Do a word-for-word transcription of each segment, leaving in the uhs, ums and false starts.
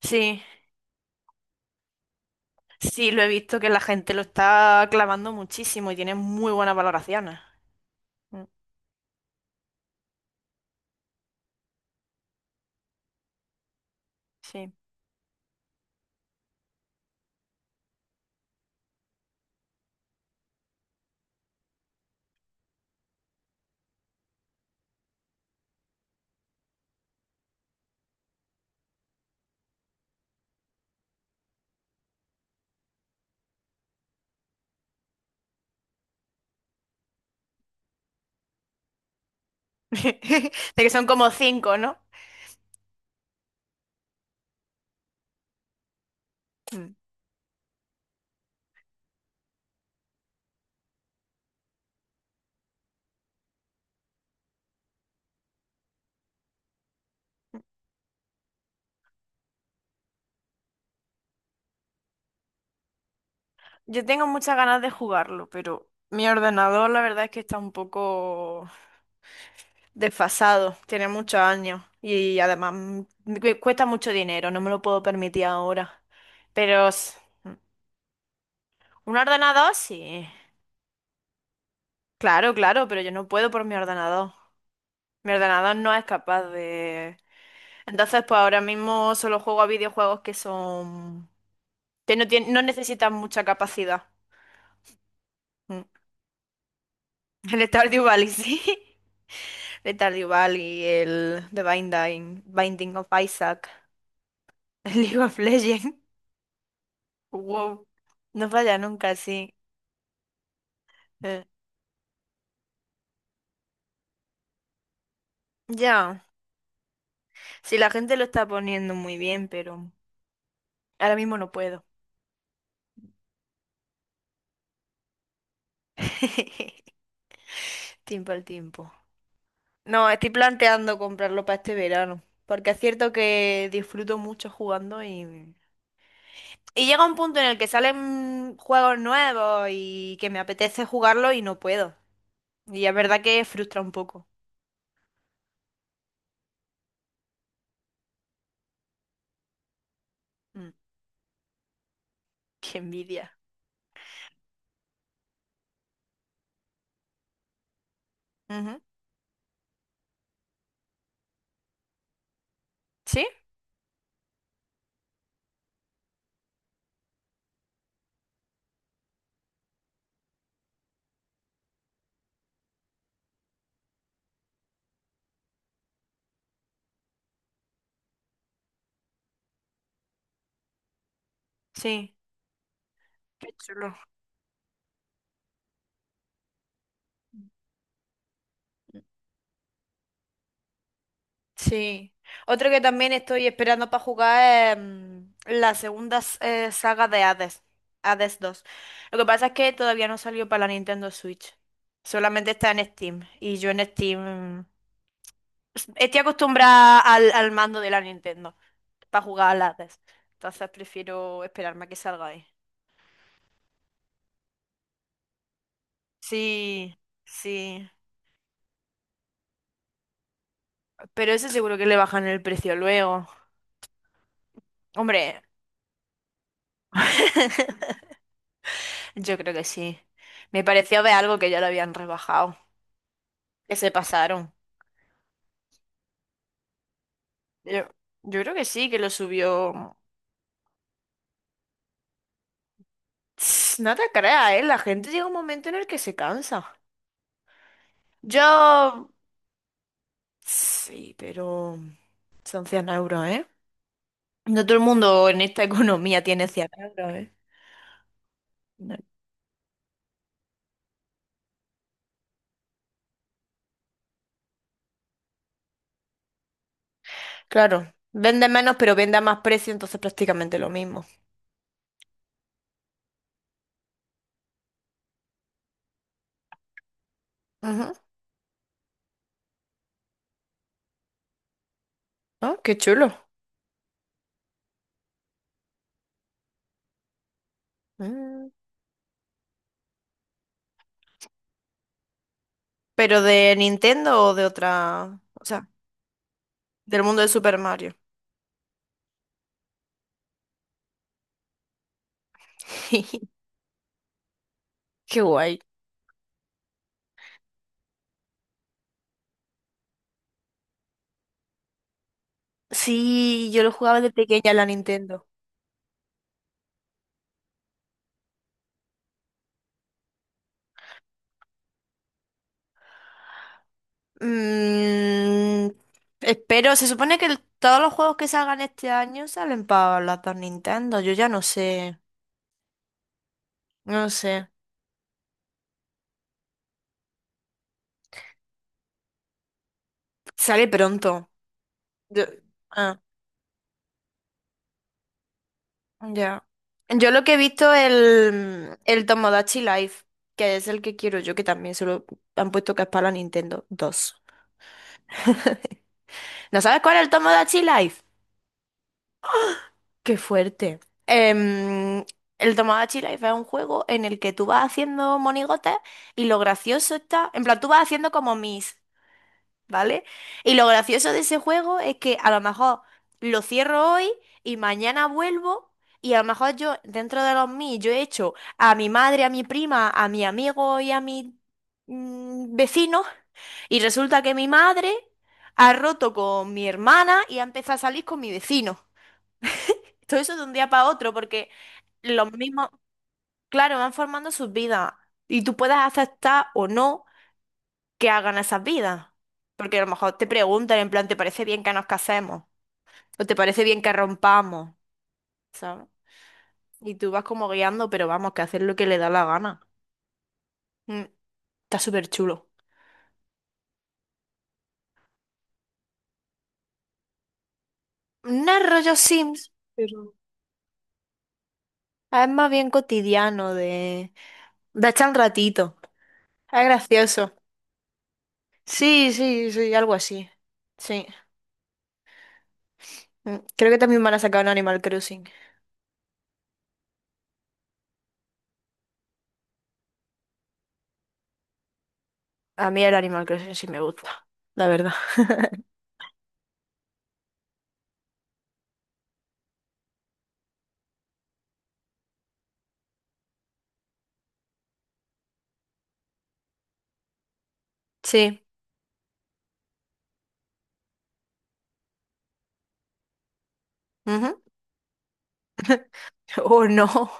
Sí, sí, lo he visto que la gente lo está clavando muchísimo y tiene muy buenas valoraciones. Mm, sí. De que son como cinco, ¿no? Mm. Yo tengo muchas ganas de jugarlo, pero mi ordenador la verdad es que está un poco desfasado, tiene muchos años y además mm, me cu- cuesta mucho dinero, no me lo puedo permitir ahora. Pero s- mm, un ordenador sí. Claro, claro, pero yo no puedo por mi ordenador. Mi ordenador no es capaz de. Entonces, pues ahora mismo solo juego a videojuegos que son... que no tienen, no necesitan mucha capacidad. Mm. El Stardew Valley, sí. El Stardew Valley, el The Binding, Binding of Isaac, el League of Legends. Wow. No falla nunca, sí. Eh, Ya. Si la gente lo está poniendo muy bien, pero ahora mismo no puedo. Tiempo al tiempo. No, estoy planteando comprarlo para este verano. Porque es cierto que disfruto mucho jugando y... Y llega un punto en el que salen juegos nuevos y que me apetece jugarlo y no puedo. Y es verdad que frustra un poco. Mm, Qué envidia. Ujú. ¿Sí? Sí. Qué chulo. Sí. Otro que también estoy esperando para jugar es mm, la segunda s- eh, saga de Hades. Hades dos. Lo que pasa es que todavía no salió para la Nintendo Switch. Solamente está en Steam. Y yo en Steam mm, estoy acostumbrada al, al mando de la Nintendo. Para jugar a las Entonces prefiero esperarme a que salga ahí. Sí, sí. Pero ese seguro que le bajan el precio luego. Hombre, yo creo que sí. Me pareció ver algo que ya lo habían rebajado. Que se pasaron. Yo, yo creo que sí, que lo subió. Tss, No te creas, ¿eh? La gente llega un momento en el que se cansa. Yo... Sí, pero. Son cien euros, ¿eh? No todo el mundo en esta economía tiene cien euros, ¿eh? Claro, vende menos pero vende a más precio, entonces prácticamente lo mismo. Ujú. Ah, qué chulo. Mm. ¿Pero de Nintendo o de otra? O sea, del mundo de Super Mario. Qué guay. Sí, yo lo jugaba de pequeña en la Nintendo. Mm, Espero, se supone que el- todos los juegos que salgan este año salen para las dos Nintendo. Yo ya no sé, no sé. Sale pronto. Yo- ah. Ya. Yo lo que he visto el, el Tomodachi Live, que es el que quiero yo, que también se lo han puesto que es para la Nintendo dos. ¿No sabes cuál es el Tomodachi Live? ¡Qué fuerte! Em, el Tomodachi Life es un juego en el que tú vas haciendo monigotes y lo gracioso está, en plan, tú vas haciendo como mis. ¿Vale? Y lo gracioso de ese juego es que a lo mejor lo cierro hoy y mañana vuelvo y a lo mejor yo, dentro de los mí, yo he hecho a mi madre, a mi prima, a mi amigo y a mi mm, vecino y resulta que mi madre ha roto con mi hermana y ha empezado a salir con mi vecino. Todo eso de un día para otro porque los mismos, claro, van formando sus vidas y tú puedes aceptar o no que hagan esas vidas. Porque a lo mejor te preguntan en plan, ¿te parece bien que nos casemos? ¿O te parece bien que rompamos? ¿Sabes? Y tú vas como guiando, pero vamos, que hacer lo que le da la gana. Mm, Está súper chulo. No es rollo Sims, pero es más bien cotidiano de... De echar un ratito. Es gracioso. Sí, sí, sí, algo así. Sí. Mm, Creo que también van a sacar un Animal Crossing. A mí el Animal Crossing sí me gusta, la verdad. Sí. Ujú. Oh, no.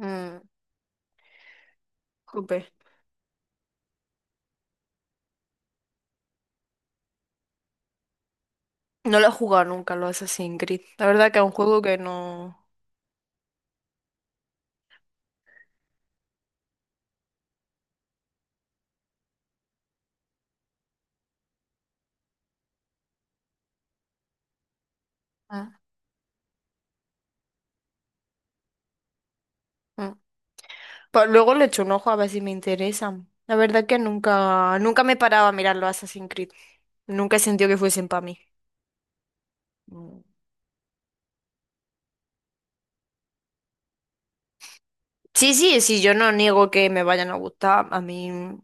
Mm. Jope. No lo he jugado nunca, lo Assassin's Creed. La verdad que es un juego que no. Ah. Mm. Pues luego le echo un ojo a ver si me interesan. La verdad que nunca, nunca me he parado a mirar los Assassin's Creed. Nunca he sentido que fuesen para mí. Mm. Sí, sí, sí, yo no niego que me vayan a gustar. A mí, mm,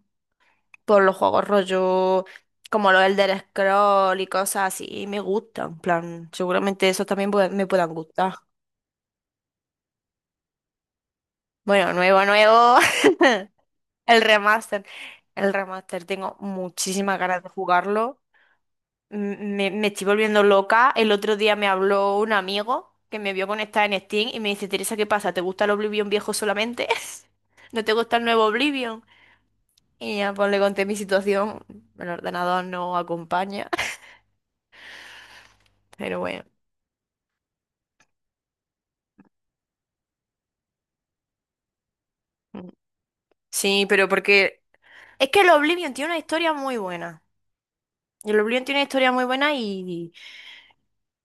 por los juegos rollo, como los Elder Scroll y cosas así, me gustan. En plan, seguramente esos también pue- me puedan gustar. Bueno, nuevo, nuevo. El remaster. El remaster. Tengo muchísimas ganas de jugarlo. M- Me, me estoy volviendo loca. El otro día me habló un amigo que me vio conectada en Steam y me dice, Teresa, ¿qué pasa? ¿Te gusta el Oblivion viejo solamente? ¿No te gusta el nuevo Oblivion? Y ya pues le conté mi situación. El ordenador no acompaña. Pero bueno. Mm. Sí, pero. Porque... Es que el Oblivion tiene una historia muy buena. El Oblivion tiene una historia muy buena y...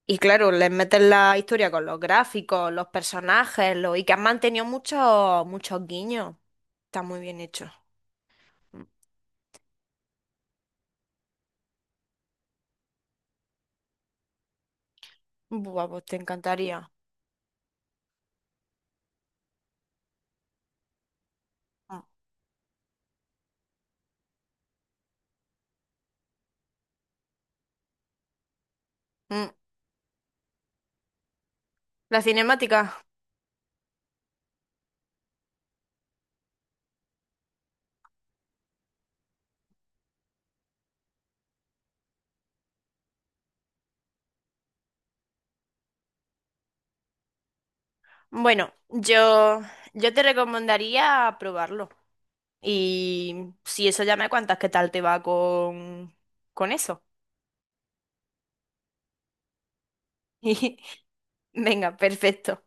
Y claro, les meten la historia con los gráficos, los personajes, lo- y que han mantenido muchos muchos guiños. Está muy bien hecho. Mm. Buah, pues te encantaría. Mm. Mm. La cinemática. Bueno, yo, yo te recomendaría probarlo. Y si eso ya me cuentas qué tal te va con, con eso. Venga, perfecto.